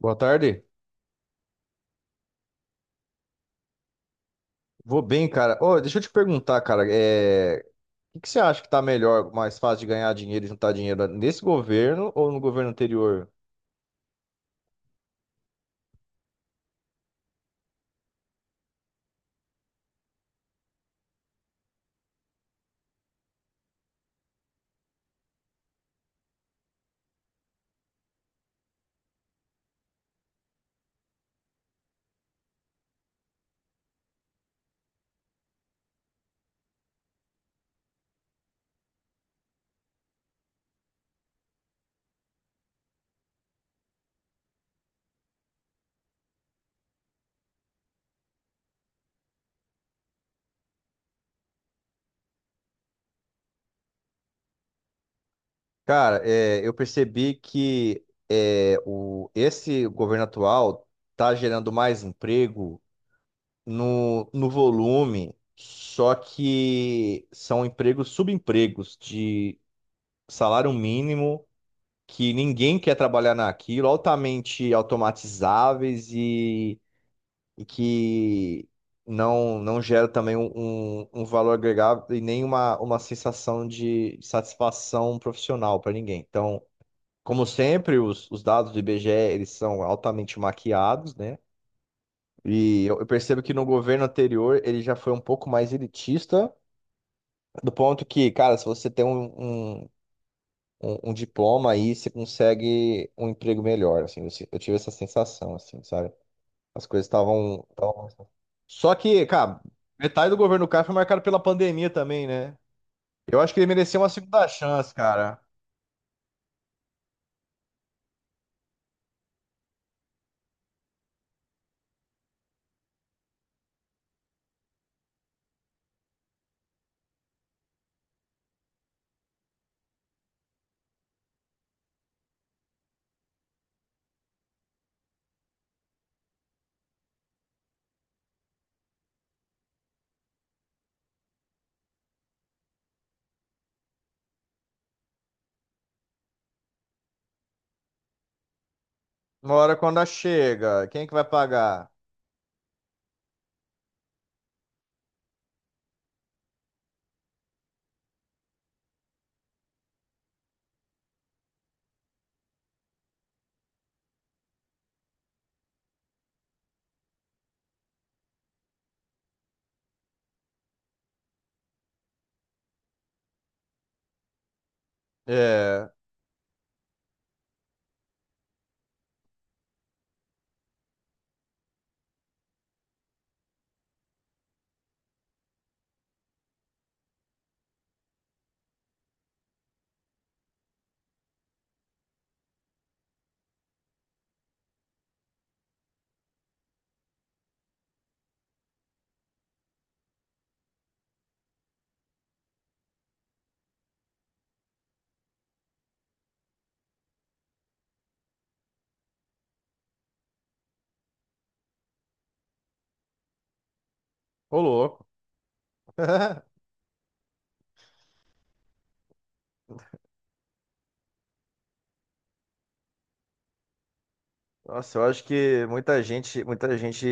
Boa tarde. Vou bem, cara. Ô, deixa eu te perguntar, cara, o que que você acha que tá melhor, mais fácil de ganhar dinheiro e juntar dinheiro nesse governo ou no governo anterior? Cara, eu percebi que esse governo atual tá gerando mais emprego no volume, só que são subempregos de salário mínimo, que ninguém quer trabalhar naquilo, altamente automatizáveis e que não gera também um valor agregado e nem uma sensação de satisfação profissional para ninguém. Então, como sempre, os dados do IBGE eles são altamente maquiados, né? E eu percebo que no governo anterior ele já foi um pouco mais elitista, do ponto que, cara, se você tem um, um diploma aí, você consegue um emprego melhor, assim, eu, se- eu tive essa sensação, assim, sabe? As coisas estavam. Só que, cara, metade do governo do Castro foi marcado pela pandemia também, né? Eu acho que ele merecia uma segunda chance, cara. Uma hora quando ela chega, quem é que vai pagar? É, ô louco. Nossa, eu acho que muita gente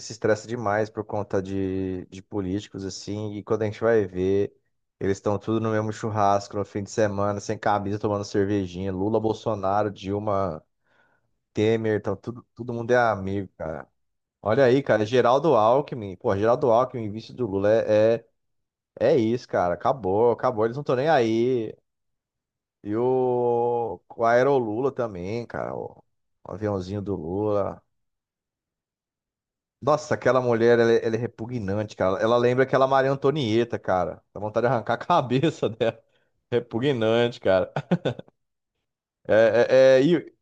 se estressa demais por conta de políticos, assim, e quando a gente vai ver, eles estão tudo no mesmo churrasco no fim de semana, sem camisa, tomando cervejinha. Lula, Bolsonaro, Dilma, Temer, então todo mundo é amigo, cara. Olha aí, cara, Geraldo Alckmin, pô, Geraldo Alckmin, vice do Lula, é isso, cara, acabou, eles não estão nem aí. E o Aero Lula também, cara, o aviãozinho do Lula. Nossa, aquela mulher, ela é repugnante, cara, ela lembra aquela Maria Antonieta, cara, dá vontade de arrancar a cabeça dela. Repugnante, cara. É, é, é, e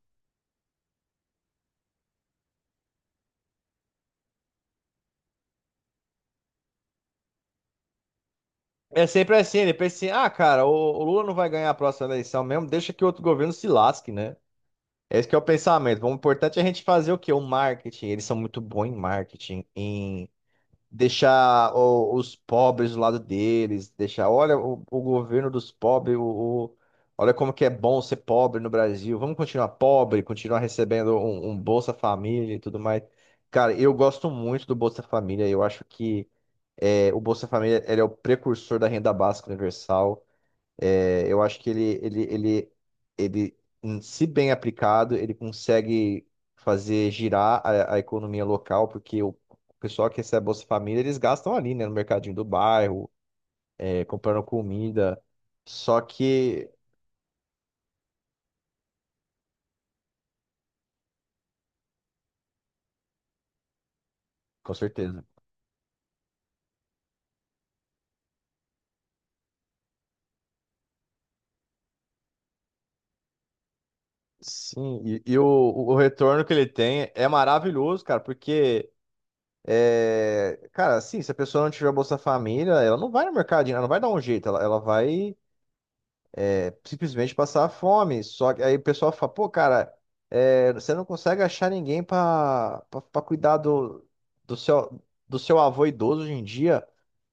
é sempre assim, ele pensa assim, ah, cara, o Lula não vai ganhar a próxima eleição mesmo, deixa que outro governo se lasque, né? Esse que é o pensamento. O importante é a gente fazer o quê? O marketing. Eles são muito bons em marketing, em deixar os pobres do lado deles, deixar, olha, o governo dos pobres, olha como que é bom ser pobre no Brasil. Vamos continuar pobre, continuar recebendo um Bolsa Família e tudo mais. Cara, eu gosto muito do Bolsa Família. Eu acho que o Bolsa Família ele é o precursor da renda básica universal. É, eu acho que ele, se bem aplicado, ele consegue fazer girar a economia local, porque o pessoal que recebe a Bolsa Família, eles gastam ali, né, no mercadinho do bairro, é, comprando comida. Só que, com certeza. Sim, e o retorno que ele tem é maravilhoso, cara, porque, é, cara, assim, se a pessoa não tiver Bolsa Família, ela não vai no mercadinho, ela não vai dar um jeito, ela vai. Simplesmente passar fome. Só que aí o pessoal fala, pô, cara, é, você não consegue achar ninguém pra cuidar do seu, do seu avô idoso hoje em dia,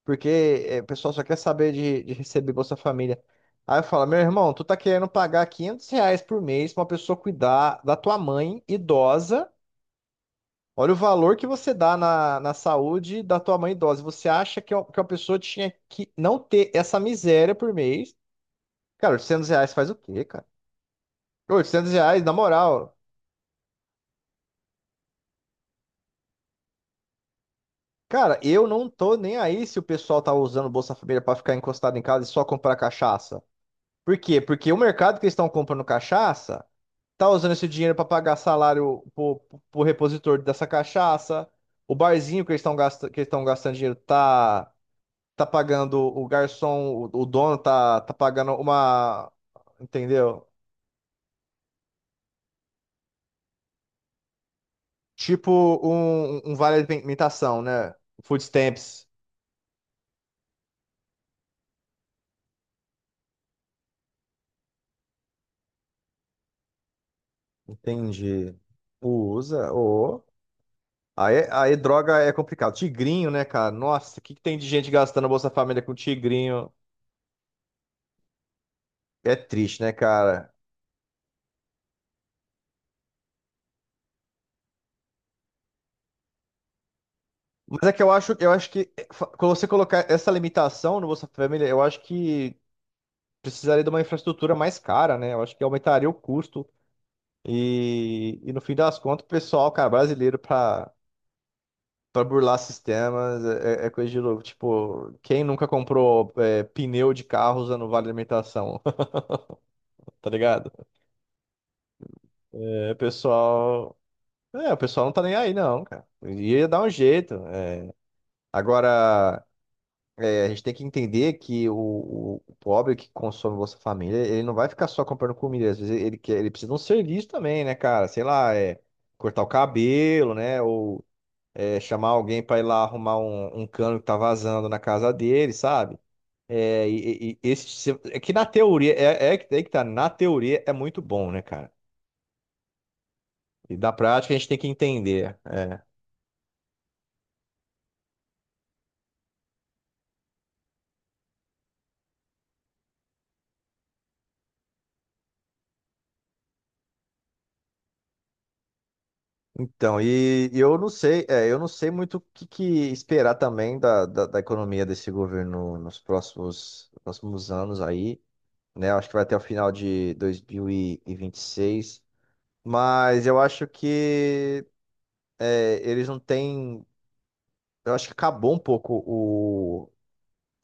porque é, o pessoal só quer saber de receber Bolsa Família. Aí eu falo, meu irmão, tu tá querendo pagar 500 reais por mês pra uma pessoa cuidar da tua mãe idosa. Olha o valor que você dá na saúde da tua mãe idosa. Você acha que uma pessoa tinha que não ter essa miséria por mês? Cara, 800 reais faz o quê, cara? 800 reais, na moral. Cara, eu não tô nem aí se o pessoal tá usando o Bolsa Família pra ficar encostado em casa e só comprar cachaça. Por quê? Porque o mercado que eles estão comprando cachaça tá usando esse dinheiro pra pagar salário pro, pro repositor dessa cachaça. O barzinho que eles estão gastando, que eles estão gastando dinheiro tá pagando o garçom, o dono tá pagando uma, entendeu? Tipo um vale alimentação, né? Food stamps. Entendi. Usa, ô. Aí droga é complicado. Tigrinho, né, cara? Nossa, o que que tem de gente gastando Bolsa Família com tigrinho? É triste, né, cara? Mas é que eu acho que quando você colocar essa limitação no Bolsa Família, eu acho que precisaria de uma infraestrutura mais cara, né? Eu acho que aumentaria o custo e no fim das contas, o pessoal, cara, brasileiro pra burlar sistemas é coisa de louco. Tipo, quem nunca comprou pneu de carro usando vale alimentação, tá ligado? É, pessoal. É, o pessoal não tá nem aí, não, cara. Ia dar um jeito. É. Agora, é, a gente tem que entender que o pobre que consome Bolsa Família, ele não vai ficar só comprando comida. Às vezes ele precisa de um serviço também, né, cara? Sei lá, é, cortar o cabelo, né? Ou é, chamar alguém pra ir lá arrumar um cano que tá vazando na casa dele, sabe? É, e esse, é que na teoria, é que tá, na teoria é muito bom, né, cara? E da prática a gente tem que entender. É. Então, e eu não sei, é, eu não sei muito o que esperar também da economia desse governo nos próximos anos aí, né? Eu acho que vai até o final de 2026, mas eu acho que é, eles não têm, eu acho que acabou um pouco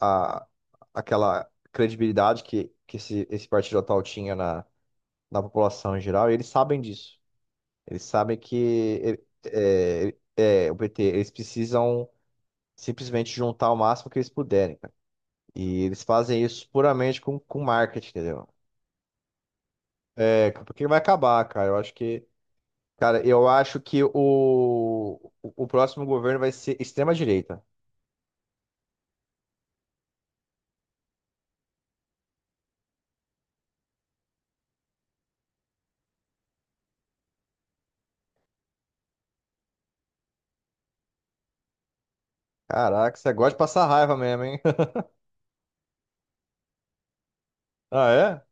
a, aquela credibilidade que esse partido atual tinha na população em geral, e eles sabem disso. Eles sabem que é, o PT, eles precisam simplesmente juntar o máximo que eles puderem, cara. E eles fazem isso puramente com marketing, entendeu? É, porque vai acabar, cara. Eu acho que o próximo governo vai ser extrema-direita. Caraca, você gosta de passar raiva mesmo, hein? Ah, é?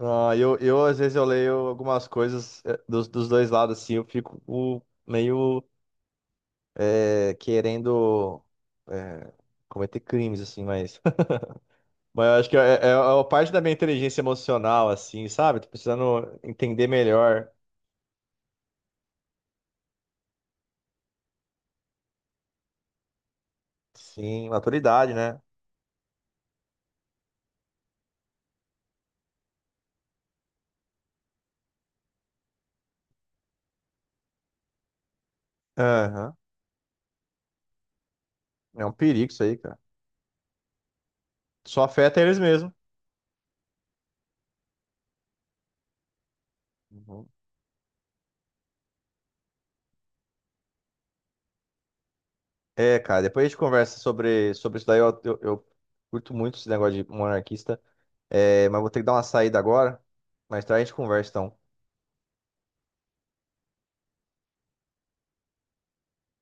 Ah, eu às vezes eu leio algumas coisas dos dois lados, assim, eu fico meio é, querendo é, cometer crimes, assim, mas. Mas eu acho que é uma parte da minha inteligência emocional, assim, sabe? Tô precisando entender melhor. Sim, maturidade, né? Aham. É um perigo isso aí, cara. Só afeta eles mesmo. Uhum. É, cara, depois a gente conversa sobre isso daí. Eu curto muito esse negócio de monarquista, é, mas vou ter que dar uma saída agora. Mais tarde a gente conversa, então.